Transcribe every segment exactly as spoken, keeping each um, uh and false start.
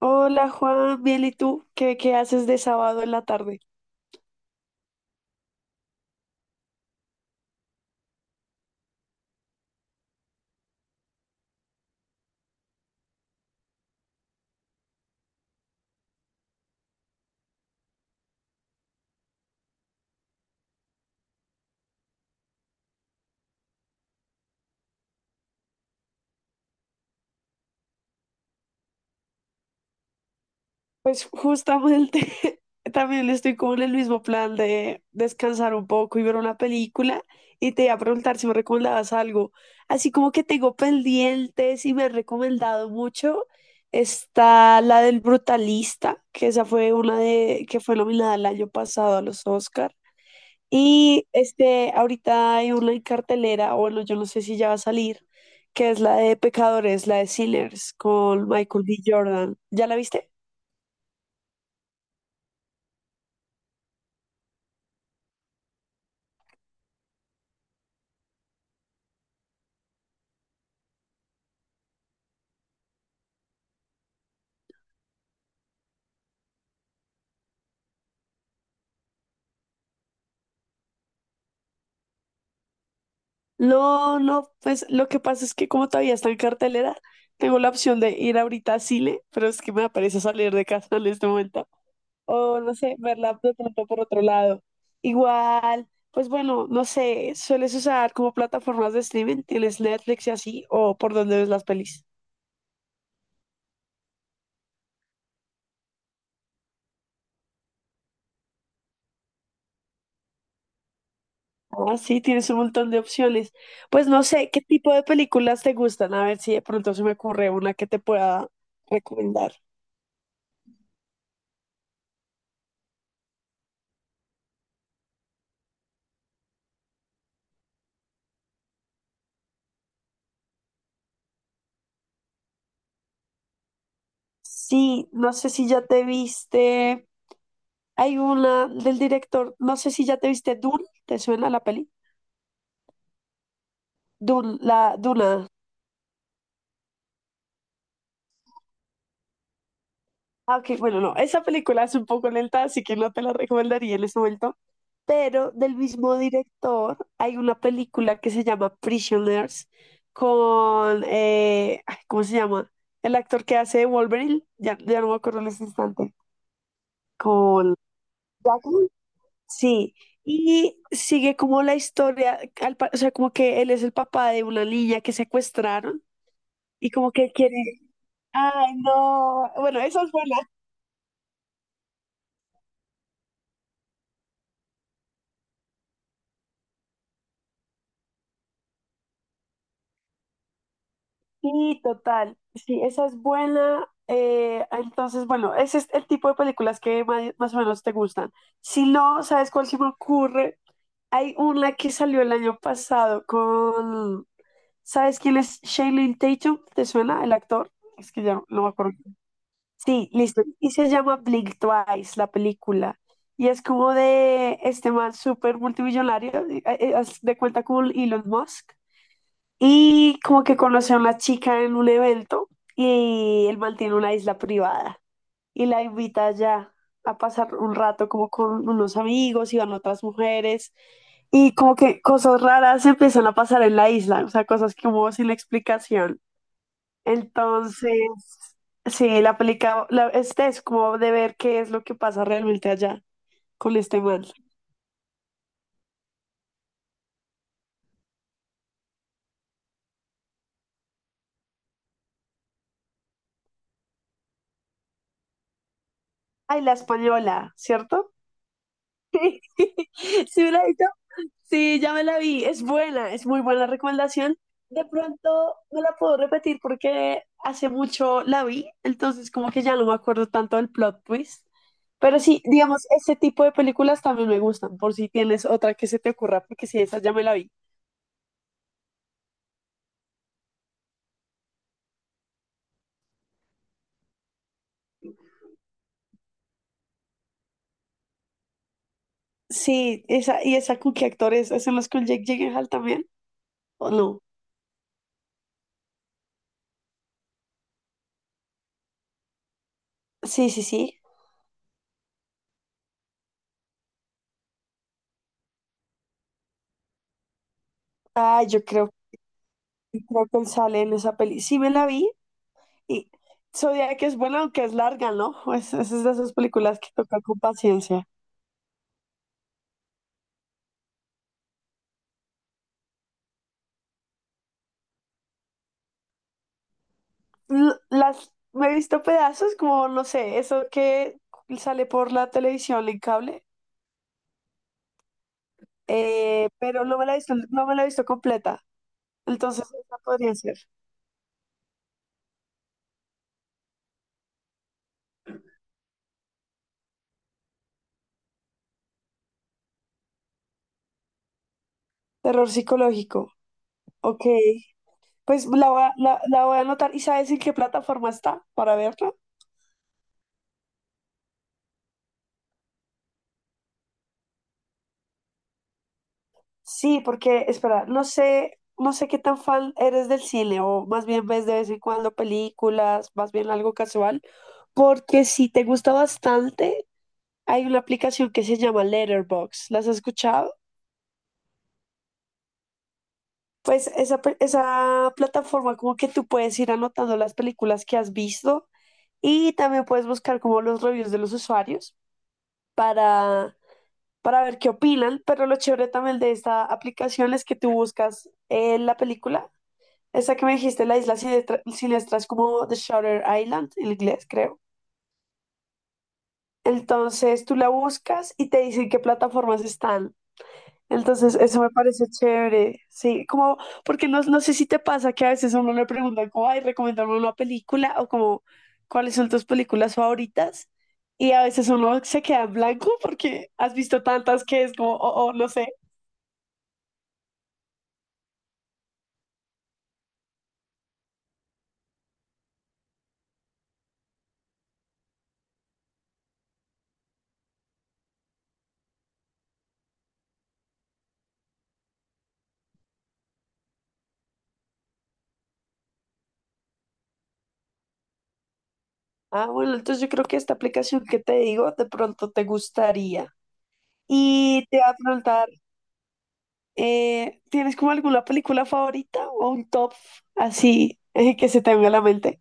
Hola Juan, bien, ¿y tú? ¿Qué, qué haces de sábado en la tarde? Pues justamente también estoy como en el mismo plan de descansar un poco y ver una película. Y te iba a preguntar si me recomendabas algo. Así como que tengo pendientes y me han recomendado mucho. Está la del Brutalista, que esa fue una de que fue nominada el año pasado a los Oscar. Y este, ahorita hay una en cartelera, o bueno, yo no sé si ya va a salir, que es la de Pecadores, la de Sinners, con Michael B. Jordan. ¿Ya la viste? No, no, pues lo que pasa es que como todavía está en cartelera, tengo la opción de ir ahorita a Chile, pero es que me aparece salir de casa en este momento. O no sé, verla de pronto por otro lado. Igual, pues bueno, no sé, ¿sueles usar como plataformas de streaming? ¿Tienes Netflix y así? ¿O por dónde ves las pelis? Ah, sí, tienes un montón de opciones. Pues no sé, ¿qué tipo de películas te gustan? A ver si de pronto se me ocurre una que te pueda recomendar. Sí, no sé si ya te viste. Hay una del director, no sé si ya te viste Dune, ¿te suena la peli? Dune, la Duna. Ah, ok, bueno, no, esa película es un poco lenta, así que no te la recomendaría en este momento, pero del mismo director hay una película que se llama Prisoners con, eh, ay, ¿cómo se llama? El actor que hace de Wolverine, ya, ya no me acuerdo en este instante, con Jackman, sí, y sigue como la historia, al pa- o sea, como que él es el papá de una niña que secuestraron y como que quiere, ay, no, bueno, eso es. Sí, total. Sí, esa es buena. Eh, entonces, bueno, ese es el tipo de películas que ma- más, o menos te gustan. Si no, ¿sabes cuál se me ocurre? Hay una que salió el año pasado con... ¿Sabes quién es Shailene Tatum? ¿Te suena el actor? Es que ya no me acuerdo. Sí, listo. Y se llama Blink Twice, la película. Y es como de este man súper multimillonario, eh, eh, haz de cuenta con Elon Musk y como que conoce a una chica en un evento y él mantiene una isla privada y la invita allá a pasar un rato como con unos amigos y van otras mujeres y como que cosas raras empiezan a pasar en la isla, o sea, cosas como sin explicación. Entonces, sí, la película, la, este es como de ver qué es lo que pasa realmente allá con este man. Ay, la española, ¿cierto? Sí, me la he visto. Sí, ya me la vi. Es buena, es muy buena recomendación. De pronto no la puedo repetir porque hace mucho la vi, entonces como que ya no me acuerdo tanto del plot twist. Pero sí, digamos, ese tipo de películas también me gustan, por si tienes otra que se te ocurra, porque sí, esa ya me la vi. Sí, esa, y esa con qué actores, ¿es en los con Jake Gyllenhaal también? ¿O no? Sí, sí, sí. Ah, yo creo, creo que él sale en esa peli. Sí me la vi. Y Zodiac es buena, aunque es larga, ¿no? Es, es de esas películas que toca con paciencia. L- Las, me he visto pedazos, como, no sé, eso que sale por la televisión en cable, eh, pero no me la he visto, no me la he visto completa. Entonces, esa podría ser. Terror psicológico. Ok. Pues la voy a, la, la voy a anotar. ¿Y sabes en qué plataforma está para verla? Sí, porque, espera, no sé, no sé qué tan fan eres del cine, o más bien ves de vez en cuando películas, más bien algo casual, porque si te gusta bastante, hay una aplicación que se llama Letterboxd. ¿Las has escuchado? Pues esa, pe- esa plataforma como que tú puedes ir anotando las películas que has visto y también puedes buscar como los reviews de los usuarios para, para ver qué opinan, pero lo chévere también de esta aplicación es que tú buscas eh, la película. Esa que me dijiste, la isla siniestra, siniestra es como The Shutter Island en inglés, creo. Entonces tú la buscas y te dicen qué plataformas están. Entonces eso me parece chévere, sí, como porque no, no sé si te pasa que a veces a uno le preguntan como, ay, recomendarme una película o como, ¿cuáles son tus películas favoritas? Y a veces uno se queda en blanco porque has visto tantas que es como, oh, oh, no sé. Ah, bueno, entonces yo creo que esta aplicación que te digo de pronto te gustaría. Y te va a preguntar, Eh, ¿tienes como alguna película favorita o un top así eh, que se te venga a la mente?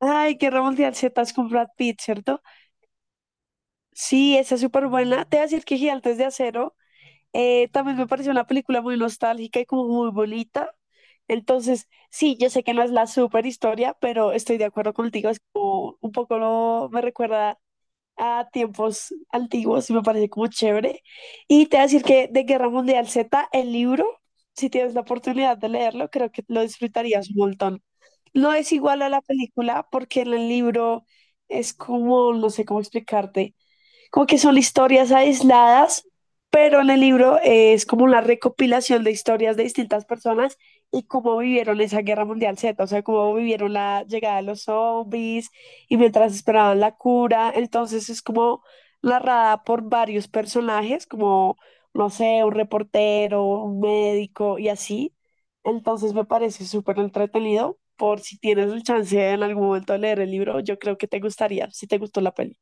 Ay, Guerra Mundial Z es con Brad Pitt, ¿cierto? Sí, esa es súper buena. Te voy a decir que Gigantes de Acero eh, también me pareció una película muy nostálgica y como muy bonita. Entonces, sí, yo sé que no es la super historia, pero estoy de acuerdo contigo. Es como un poco lo- me recuerda a tiempos antiguos y me parece como chévere. Y te voy a decir que de Guerra Mundial Z, el libro, si tienes la oportunidad de leerlo, creo que lo disfrutarías un montón. No es igual a la película porque en el libro es como, no sé cómo explicarte como que son historias aisladas, pero en el libro es como una recopilación de historias de distintas personas y cómo vivieron esa guerra mundial Z, o sea, cómo vivieron la llegada de los zombies y mientras esperaban la cura. Entonces es como narrada por varios personajes, como, no sé, un reportero, un médico y así. Entonces me parece súper entretenido. Por si tienes el chance en algún momento de leer el libro, yo creo que te gustaría, si te gustó la peli.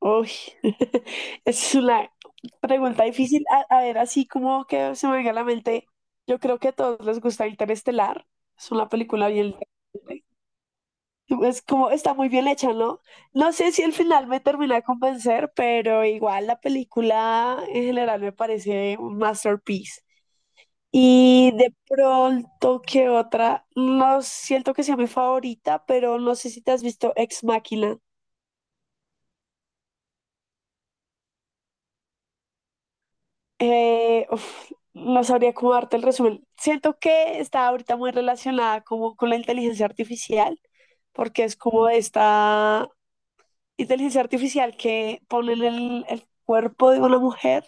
Uy, es una pregunta difícil. A, a ver, así como que se me venga a la mente, yo creo que a todos les gusta Interestelar. Es una película bien... interesante. Es como, está muy bien hecha, ¿no? No sé si al final me termina de convencer, pero igual la película en general me parece un masterpiece. Y de pronto, ¿qué otra? No siento que sea mi favorita, pero no sé si te has visto Ex Machina. Eh, uf, no sabría cómo darte el resumen. Siento que está ahorita muy relacionada como con la inteligencia artificial, porque es como esta inteligencia artificial que pone en el, el cuerpo de una mujer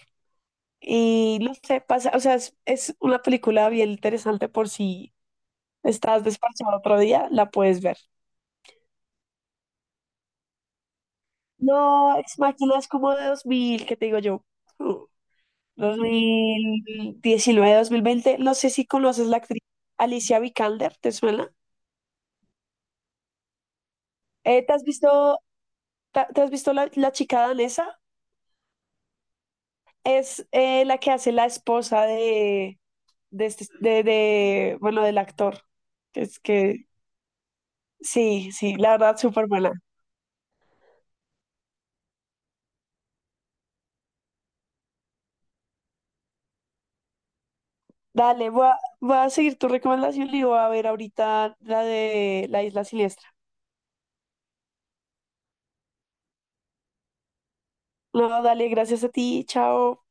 y no sé, pasa, o sea, es, es una película bien interesante por si estás desparchado otro día, la puedes ver. No, Ex Machina es como de dos mil ¿qué te digo yo? Uh, dos mil diecinueve, dos mil veinte. No sé si conoces la actriz Alicia Vikander, ¿te suena? Eh, ¿te has visto, ta- te, has visto la, la chica danesa? Es eh, la que hace la esposa de, de, este- de, de, bueno, del actor. que Es que, sí, sí, la verdad, súper buena. Dale, voy a, voy a seguir tu recomendación y voy a ver ahorita la de La Isla Siniestra. No, dale, gracias a ti, chao.